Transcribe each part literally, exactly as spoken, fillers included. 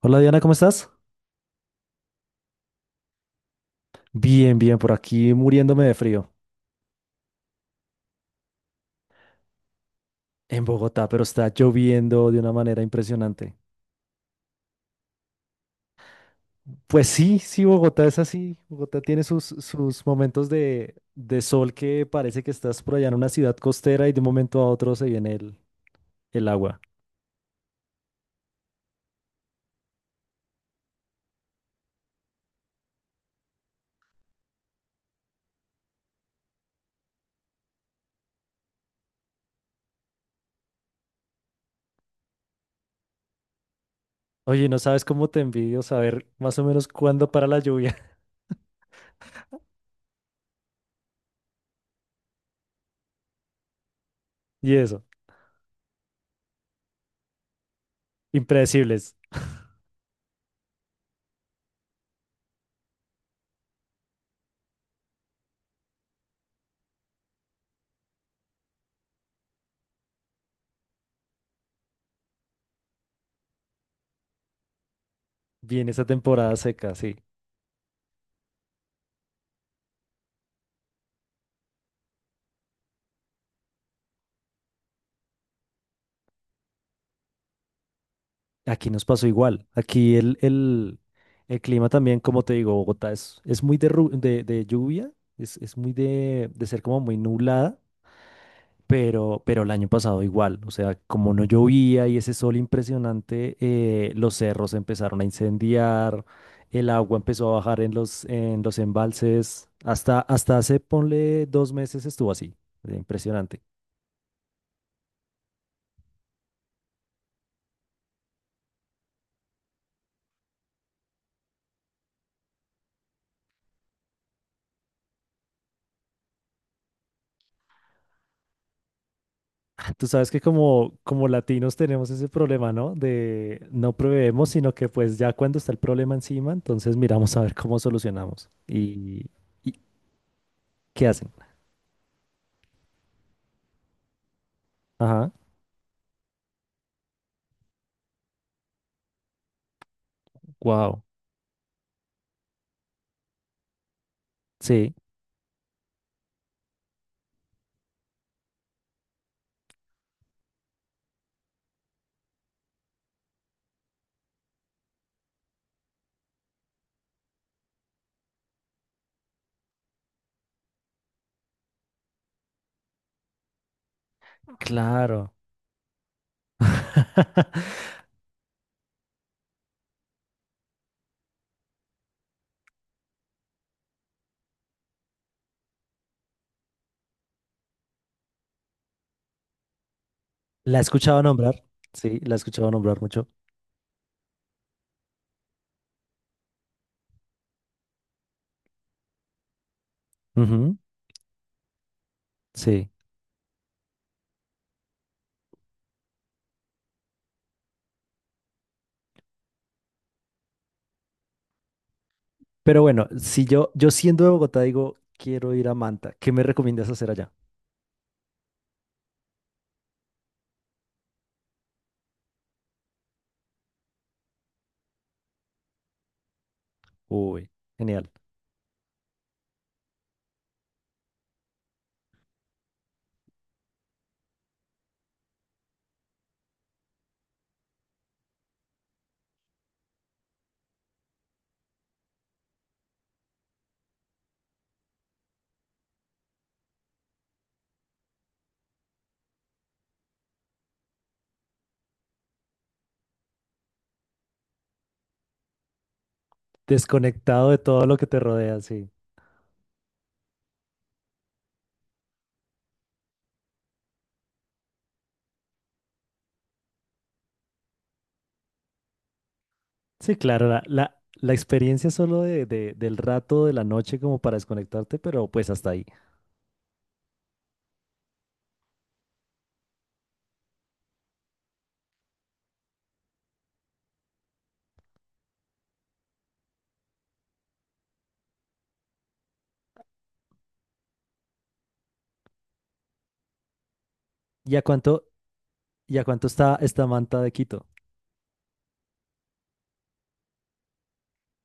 Hola Diana, ¿cómo estás? Bien, bien, por aquí muriéndome de frío en Bogotá, pero está lloviendo de una manera impresionante. Pues sí, sí, Bogotá es así. Bogotá tiene sus, sus momentos de, de sol que parece que estás por allá en una ciudad costera y de un momento a otro se viene el, el agua. Oye, no sabes cómo te envidio saber más o menos cuándo para la lluvia y eso. Impredecibles. Viene esa temporada seca, sí. Aquí nos pasó igual. Aquí el, el, el clima también, como te digo, Bogotá es, es muy de, ru- de, de lluvia, es, es muy de, de ser como muy nublada, pero, pero el año pasado igual. O sea, como no llovía y ese sol impresionante, eh, los cerros empezaron a incendiar, el agua empezó a bajar en los, en los embalses. Hasta, hasta hace, ponle dos meses estuvo así. eh, Impresionante. Tú sabes que como, como latinos tenemos ese problema, ¿no? De no proveemos, sino que pues ya cuando está el problema encima, entonces miramos a ver cómo solucionamos. ¿Y, y qué hacen? Ajá, wow. Sí, claro. La he escuchado nombrar, sí, la he escuchado nombrar mucho. Ujú, sí. Pero bueno, si yo, yo siendo de Bogotá digo, quiero ir a Manta, ¿qué me recomiendas hacer allá? Uy, genial. Desconectado de todo lo que te rodea, sí. Sí, claro, la, la, la experiencia solo de, de- del rato de la noche como para desconectarte, pero pues hasta ahí. ¿Y a cuánto, y a cuánto está esta manta de Quito?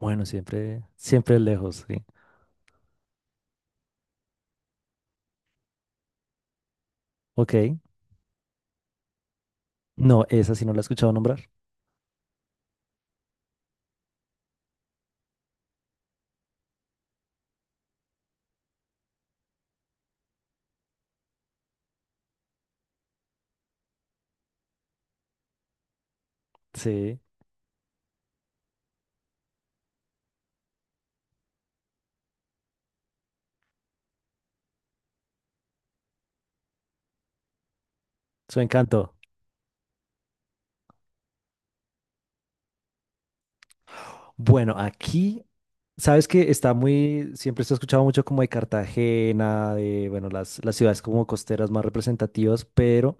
Bueno, siempre, siempre lejos, sí. Ok. No, esa sí no la he escuchado nombrar. Sí, su encanto. Bueno, aquí sabes que está muy, siempre se ha escuchado mucho como de Cartagena, de, bueno, las, las ciudades como costeras más representativas, pero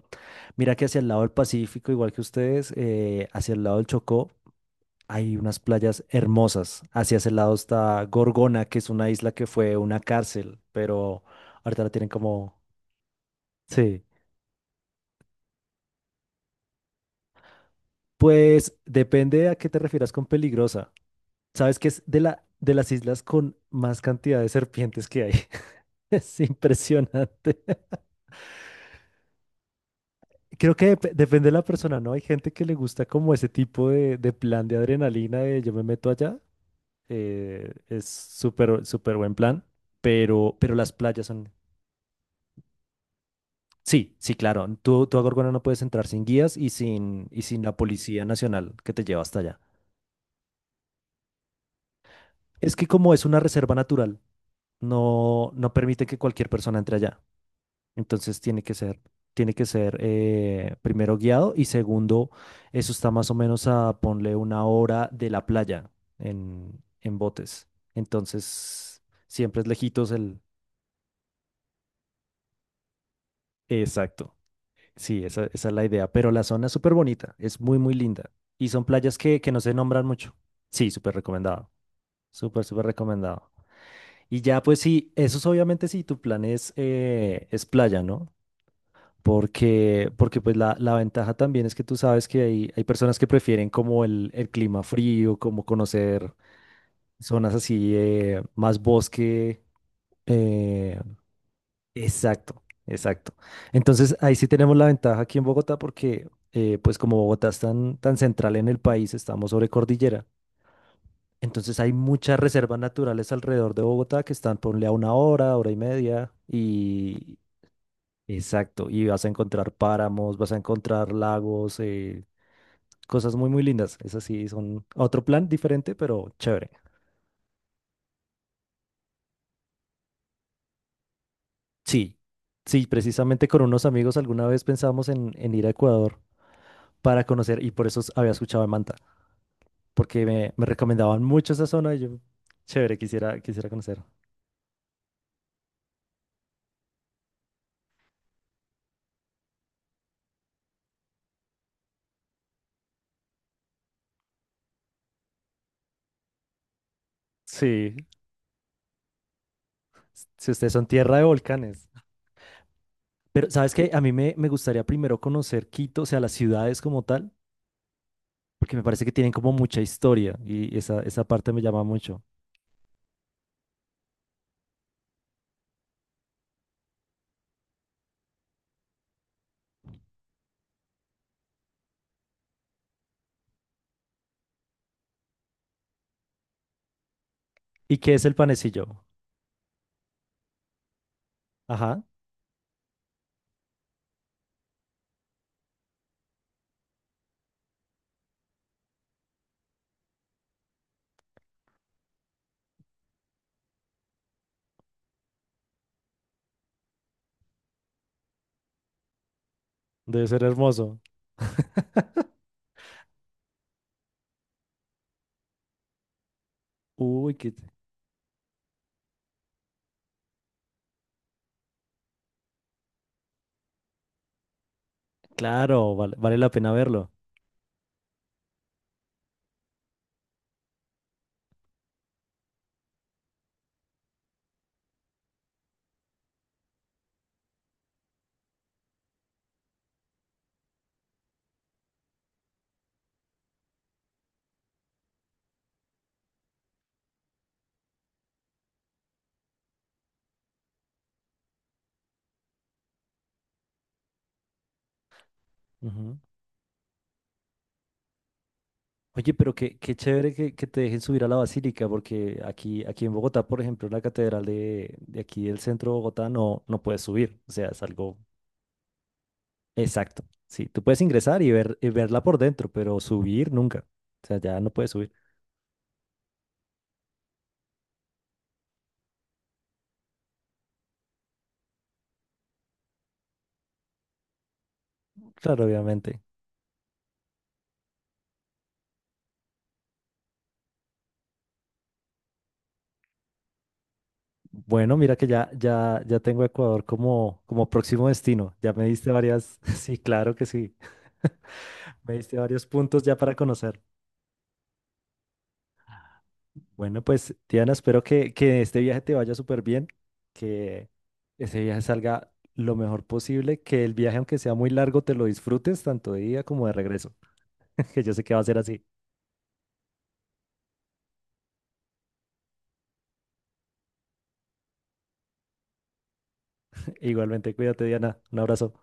mira que hacia el lado del Pacífico, igual que ustedes, eh, hacia el lado del Chocó, hay unas playas hermosas. Hacia ese lado está Gorgona, que es una isla que fue una cárcel, pero ahorita la tienen como... Sí. Pues depende a qué te refieras con peligrosa. Sabes que es de la, de las islas con más cantidad de serpientes que hay. Es impresionante. Creo que dep- depende de la persona, ¿no? Hay gente que le gusta como ese tipo de, de plan de adrenalina de yo me meto allá. Eh, es súper, súper buen plan, pero, pero las playas son... Sí, sí, claro. Tú, tú a Gorgona no puedes entrar sin guías y sin, y sin la Policía Nacional que te lleva hasta allá. Es que como es una reserva natural, no, no permite que cualquier persona entre allá. Entonces tiene que ser, tiene que ser eh, primero guiado y segundo, eso está más o menos a ponle una hora de la playa en, en botes. Entonces siempre es lejitos el... Exacto. Sí, esa, esa es la idea. Pero la zona es súper bonita, es muy, muy linda. Y son playas que, que no se nombran mucho. Sí, súper recomendado. Súper, súper recomendado. Y ya, pues sí, eso es obviamente si tu plan es, eh, es playa, ¿no? Porque, porque pues la, la ventaja también es que tú sabes que hay, hay personas que prefieren como el, el clima frío, como conocer zonas así, eh, más bosque. eh, exacto, exacto. Entonces ahí sí tenemos la ventaja aquí en Bogotá porque eh, pues como Bogotá es tan, tan central en el país, estamos sobre cordillera. Entonces hay muchas reservas naturales alrededor de Bogotá que están, ponle a una hora, hora y media, y exacto, y vas a encontrar páramos, vas a encontrar lagos, eh, cosas muy, muy lindas. Esas sí son otro plan diferente, pero chévere. Sí, sí, precisamente con unos amigos alguna vez pensamos en, en ir a Ecuador para conocer, y por eso s- había escuchado de Manta, porque me, me recomendaban mucho esa zona y yo, chévere, quisiera, quisiera conocer. Sí, s- si ustedes son tierra de volcanes. Pero, ¿sabes qué? A mí me, me gustaría primero conocer Quito, o sea, las ciudades como tal porque me parece que tienen como mucha historia y esa, esa parte me llama mucho. ¿Y qué es el panecillo? Ajá, debe ser hermoso. Uy, qué... Claro, vale, vale la pena verlo. Ujú. Oye, pero qué, qué chévere que, que te dejen subir a la basílica, porque aquí, aquí en Bogotá, por ejemplo, la catedral de, de aquí del centro de Bogotá no, no puedes subir. O sea, es algo exacto. Sí, tú puedes ingresar y ver, y verla por dentro, pero subir nunca. O sea, ya no puedes subir. Claro, obviamente. Bueno, mira que ya, ya, ya tengo Ecuador como, como próximo destino. Ya me diste varias, sí, claro que sí. Me diste varios puntos ya para conocer. Bueno, pues Diana, espero que, que este viaje te vaya súper bien, que ese viaje salga lo mejor posible, que el viaje, aunque sea muy largo, te lo disfrutes tanto de ida como de regreso, que yo sé que va a ser así. Igualmente, cuídate, Diana. Un abrazo.